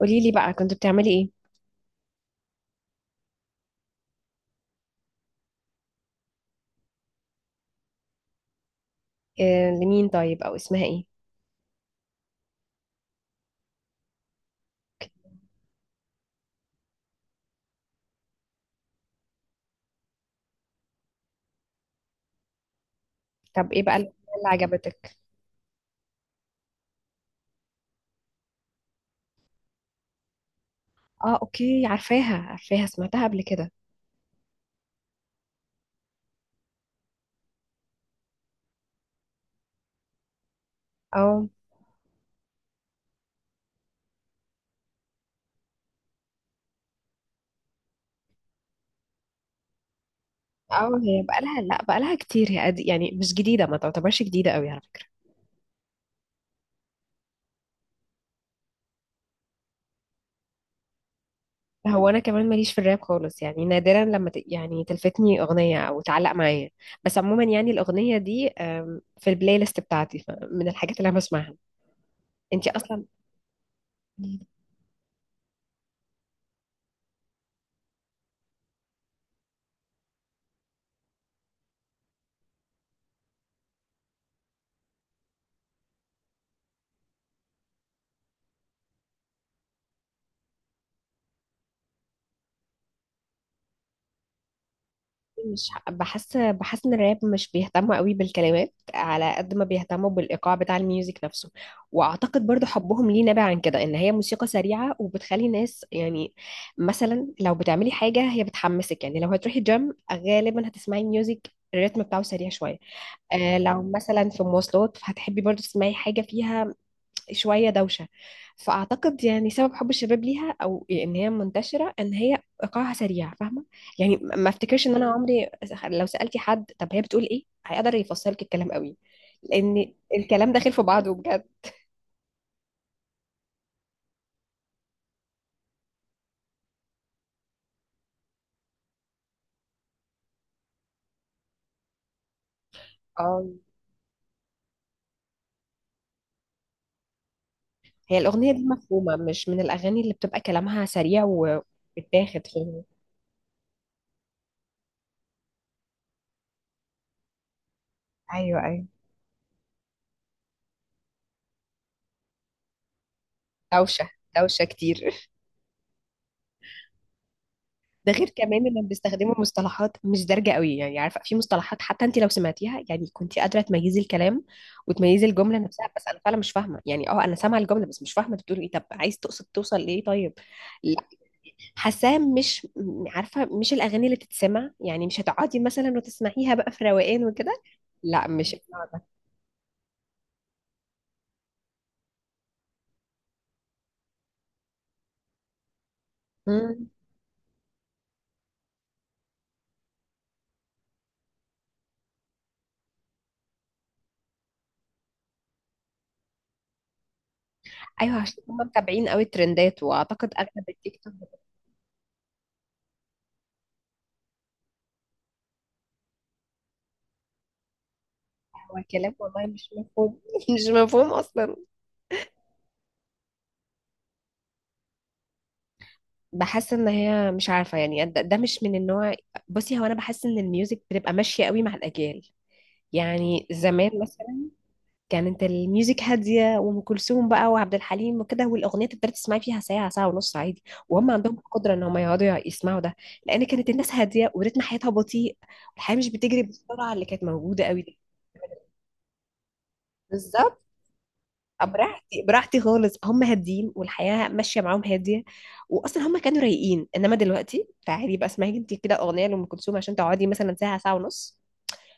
قولي لي بقى، كنت بتعملي ايه؟ آه، لمين؟ طيب او اسمها ايه؟ طب ايه بقى اللي عجبتك؟ اه اوكي، عارفاها، سمعتها قبل كده. اه اه، هي بقالها، لا بقالها كتير، يعني مش جديدة، ما تعتبرش جديدة قوي على فكرة. هو انا كمان ماليش في الراب خالص، يعني نادرا يعني تلفتني اغنية او تعلق معايا. بس عموما يعني الاغنية دي في البلاي ليست بتاعتي، من الحاجات اللي انا بسمعها. انتي اصلا مش ح- بحس ان الراب مش بيهتموا قوي بالكلمات على قد ما بيهتموا بالايقاع بتاع الميوزك نفسه. واعتقد برضو حبهم ليه نابع عن كده، ان هي موسيقى سريعه وبتخلي ناس يعني مثلا لو بتعملي حاجه هي بتحمسك، يعني لو هتروحي جيم غالبا هتسمعي ميوزك الريتم بتاعه سريع شويه. آه، لو مثلا في مواصلات هتحبي برضو تسمعي حاجه فيها شوية دوشة. فأعتقد يعني سبب حب الشباب ليها أو إن هي منتشرة إن هي إيقاعها سريع، فاهمة؟ يعني ما أفتكرش إن أنا عمري، لو سألتي حد طب هي بتقول إيه، هيقدر يفصلك الكلام قوي، لأن الكلام داخل في بعضه بجد. اه، هي الأغنية دي مفهومة، مش من الأغاني اللي بتبقى كلامها سريع وبتاخد، فاهمة. أيوه أيوه. دوشة، دوشة كتير. ده غير كمان انهم بيستخدموا مصطلحات مش دارجه قوي، يعني عارفه في مصطلحات حتى انت لو سمعتيها يعني كنت قادره تميزي الكلام وتميزي الجمله نفسها، بس انا فعلا مش فاهمه، يعني اه انا سامعه الجمله بس مش فاهمه انت بتقول ايه، طب عايز تقصد توصل لايه؟ طيب لا، حاساها مش عارفه مش الاغاني اللي تتسمع، يعني مش هتقعدي مثلا وتسمعيها بقى في روقان وكده. لا مش النوع ده. مم. ايوه، عشان هم متابعين قوي الترندات، واعتقد اغلب التيك توك بتاع، هو كلام والله مش مفهوم. مش مفهوم اصلا. بحس ان هي مش عارفه يعني، ده مش من النوع. بصي هو انا بحس ان الميوزك بتبقى ماشيه قوي مع الاجيال. يعني زمان مثلا كانت الميوزك هاديه، وام كلثوم بقى وعبد الحليم وكده، والاغنيه تقدري تسمعي فيها ساعه ساعه ونص عادي، وهم عندهم القدره ان هم يقعدوا يسمعوا ده، لان كانت الناس هاديه وريتم حياتها بطيء، والحياه مش بتجري بالسرعه اللي كانت موجوده قوي دي. بالظبط. براحتي براحتي خالص، هم هاديين والحياة ماشية معاهم هادية، وأصلا هم كانوا رايقين. إنما دلوقتي تعالي بقى اسمعي انت كده أغنية لأم كلثوم عشان تقعدي مثلا ساعة ساعة ونص،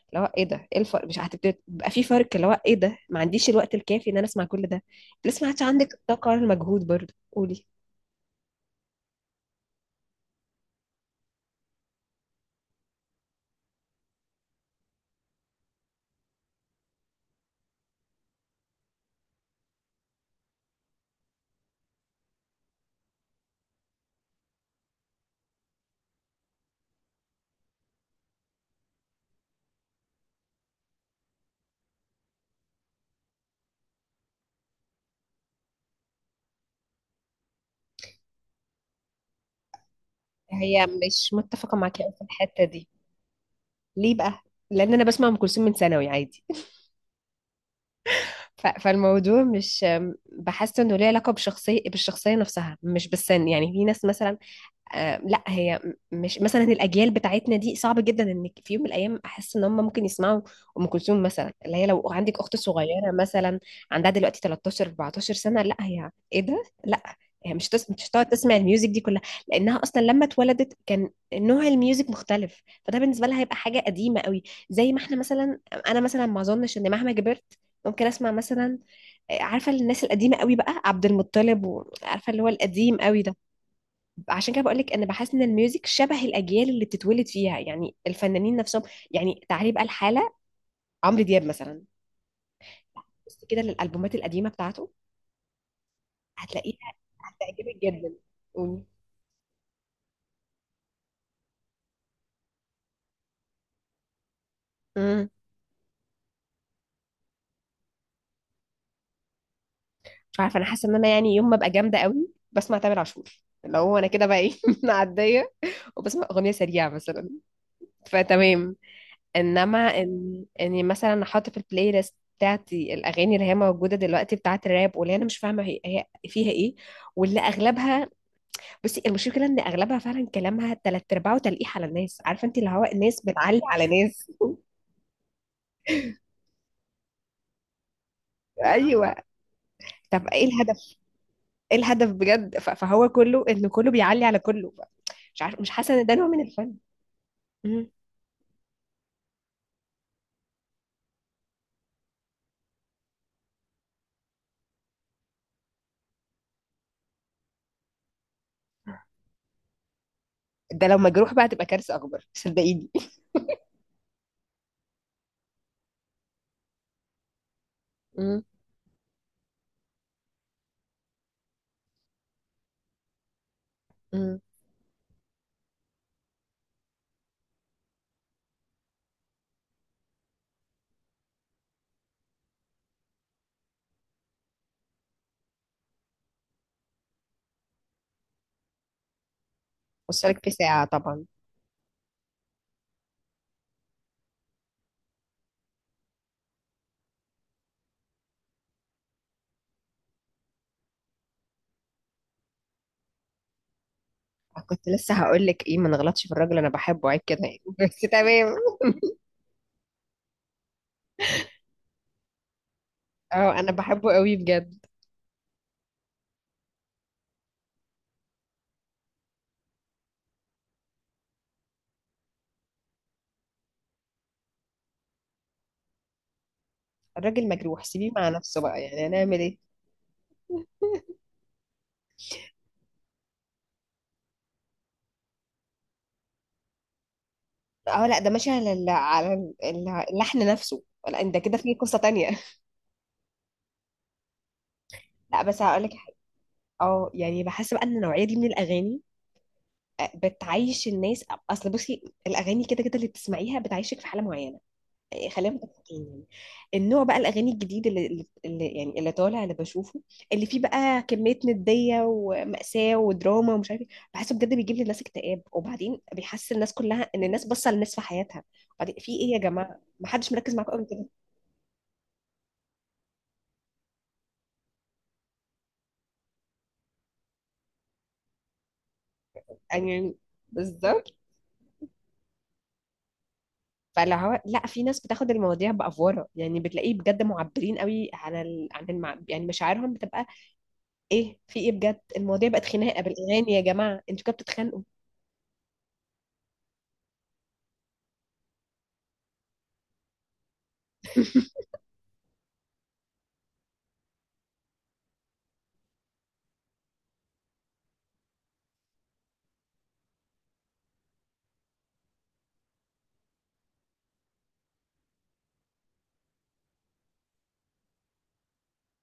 اللي هو ايه ده، ايه الفرق، مش هتبتدي بقى في فرق اللي هو ايه ده، ما عنديش الوقت الكافي ان انا اسمع كل ده، لسه ما عادش عندك الطاقه ولا المجهود برضه، قولي. هي مش متفقه معاك أوي في الحته دي. ليه بقى؟ لان انا بسمع ام كلثوم من ثانوي عادي. فالموضوع مش، بحس انه ليه علاقه بشخصيه، بالشخصيه نفسها مش بالسن. يعني في ناس مثلا، آه، لا مش مثلا الاجيال بتاعتنا دي صعب جدا ان في يوم من الايام احس ان هم ممكن يسمعوا ام كلثوم مثلا، اللي هي لو عندك اخت صغيره مثلا، عندها دلوقتي 13 14 سنه، لا هي ايه ده، لا هي مش هتقعد تسمع الميوزك دي كلها، لانها اصلا لما اتولدت كان نوع الميوزك مختلف، فده بالنسبه لها هيبقى حاجه قديمه قوي. زي ما احنا مثلا، انا مثلا ما اظنش ان مهما كبرت ممكن اسمع مثلا، آه، عارفه الناس القديمه قوي بقى، عبد المطلب، وعارفه اللي هو القديم قوي ده. عشان كده بقول لك انا بحس ان الميوزك شبه الاجيال اللي بتتولد فيها، يعني الفنانين نفسهم. يعني تعالي بقى الحاله، عمرو دياب مثلا، بصي كده للالبومات القديمه بتاعته، هتلاقيها هتعجبك جدا. قولي. امم. مش عارفه، انا حاسه ان انا يعني يوم ما ابقى جامده قوي بسمع تامر عاشور، اللي هو انا كده بقى ايه معديه، وبسمع اغنيه سريعه مثلا، فتمام. انما ان اني مثلا احط في البلاي ليست بتاعتي الاغاني اللي هي موجوده دلوقتي بتاعت الراب، واللي انا مش فاهمه هي هي فيها ايه، واللي اغلبها، بصي المشكله ان اغلبها فعلا كلامها تلات ارباعه تلقيح على الناس، عارفه انت اللي هو الناس بتعلي على ناس. ايوه. طب ايه الهدف، ايه الهدف بجد، فهو كله ان كله بيعلي على كله، ف- مش عارف، مش حاسه ان ده نوع من الفن. مم. ده لو مجروح بقى تبقى كارثه اكبر صدقيني. مم. مم. وصلك في ساعه طبعا. كنت لسه هقول لك ايه، ما نغلطش في الراجل، انا بحبه، عيب كده يعني بس تمام. اه انا بحبه قوي بجد. الراجل مجروح سيبيه مع نفسه بقى، يعني هنعمل ايه. اه لا ده ماشي على اللحن نفسه. لا انت كده في قصة تانية. لا بس هقول لك حاجة. اه يعني بحس بقى ان النوعية دي من الاغاني، آه، بتعيش الناس. اصل بصي الاغاني كده كده اللي بتسمعيها بتعيشك في حالة معينة، آه، خلينا متفقين يعني. النوع بقى الاغاني الجديد يعني اللي طالع اللي بشوفه، اللي فيه بقى كمية ندية ومأساة ودراما ومش عارف ايه، بحسه بجد بيجيب للناس اكتئاب، وبعدين بيحس الناس كلها ان الناس باصة للناس في حياتها، بعدين في ايه يا جماعة، ما حدش مركز معاكم قوي كده، يعني. بالظبط. فاللي هو لا، في ناس بتاخد المواضيع بأفورة، يعني بتلاقيه بجد معبرين قوي عن يعني مشاعرهم بتبقى ايه، في ايه بجد، المواضيع بقت خناقة بالأغاني، يا جماعة انتوا كده بتتخانقوا.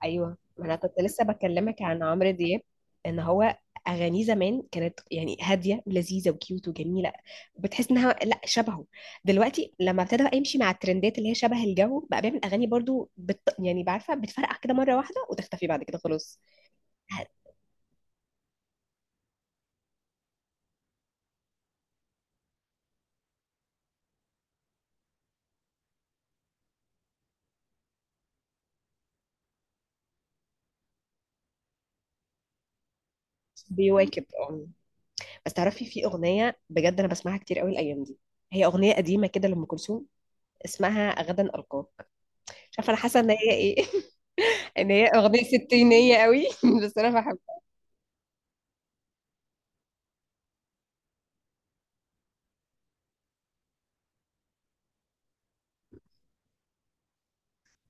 ايوه ما انا كنت لسه بكلمك عن عمرو دياب، ان هو اغانيه زمان كانت يعني هاديه ولذيذه وكيوت وجميله، بتحس انها لا شبهه، دلوقتي لما ابتدى بقى يمشي مع الترندات اللي هي شبه الجو بقى، بيعمل اغاني برضو يعني بعرفه بتفرقع كده مره واحده وتختفي بعد كده خلاص. بيواكب اه. بس تعرفي في اغنيه بجد انا بسمعها كتير قوي الايام دي، هي اغنيه قديمه كده لام كلثوم، اسمها غدا القاك، مش عارفه انا حاسه ان هي ايه ان هي اغنيه ستينيه قوي بس انا بحبها.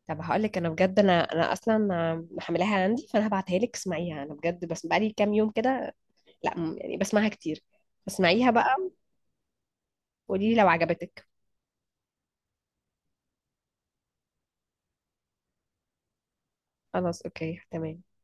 طب هقول لك انا بجد، انا انا اصلا محملاها عندي، فانا هبعتها لك اسمعيها، انا بجد بس بقالي كام يوم كده، لا يعني بسمعها كتير، اسمعيها بقى وقولي لي لو عجبتك. خلاص اوكي تمام.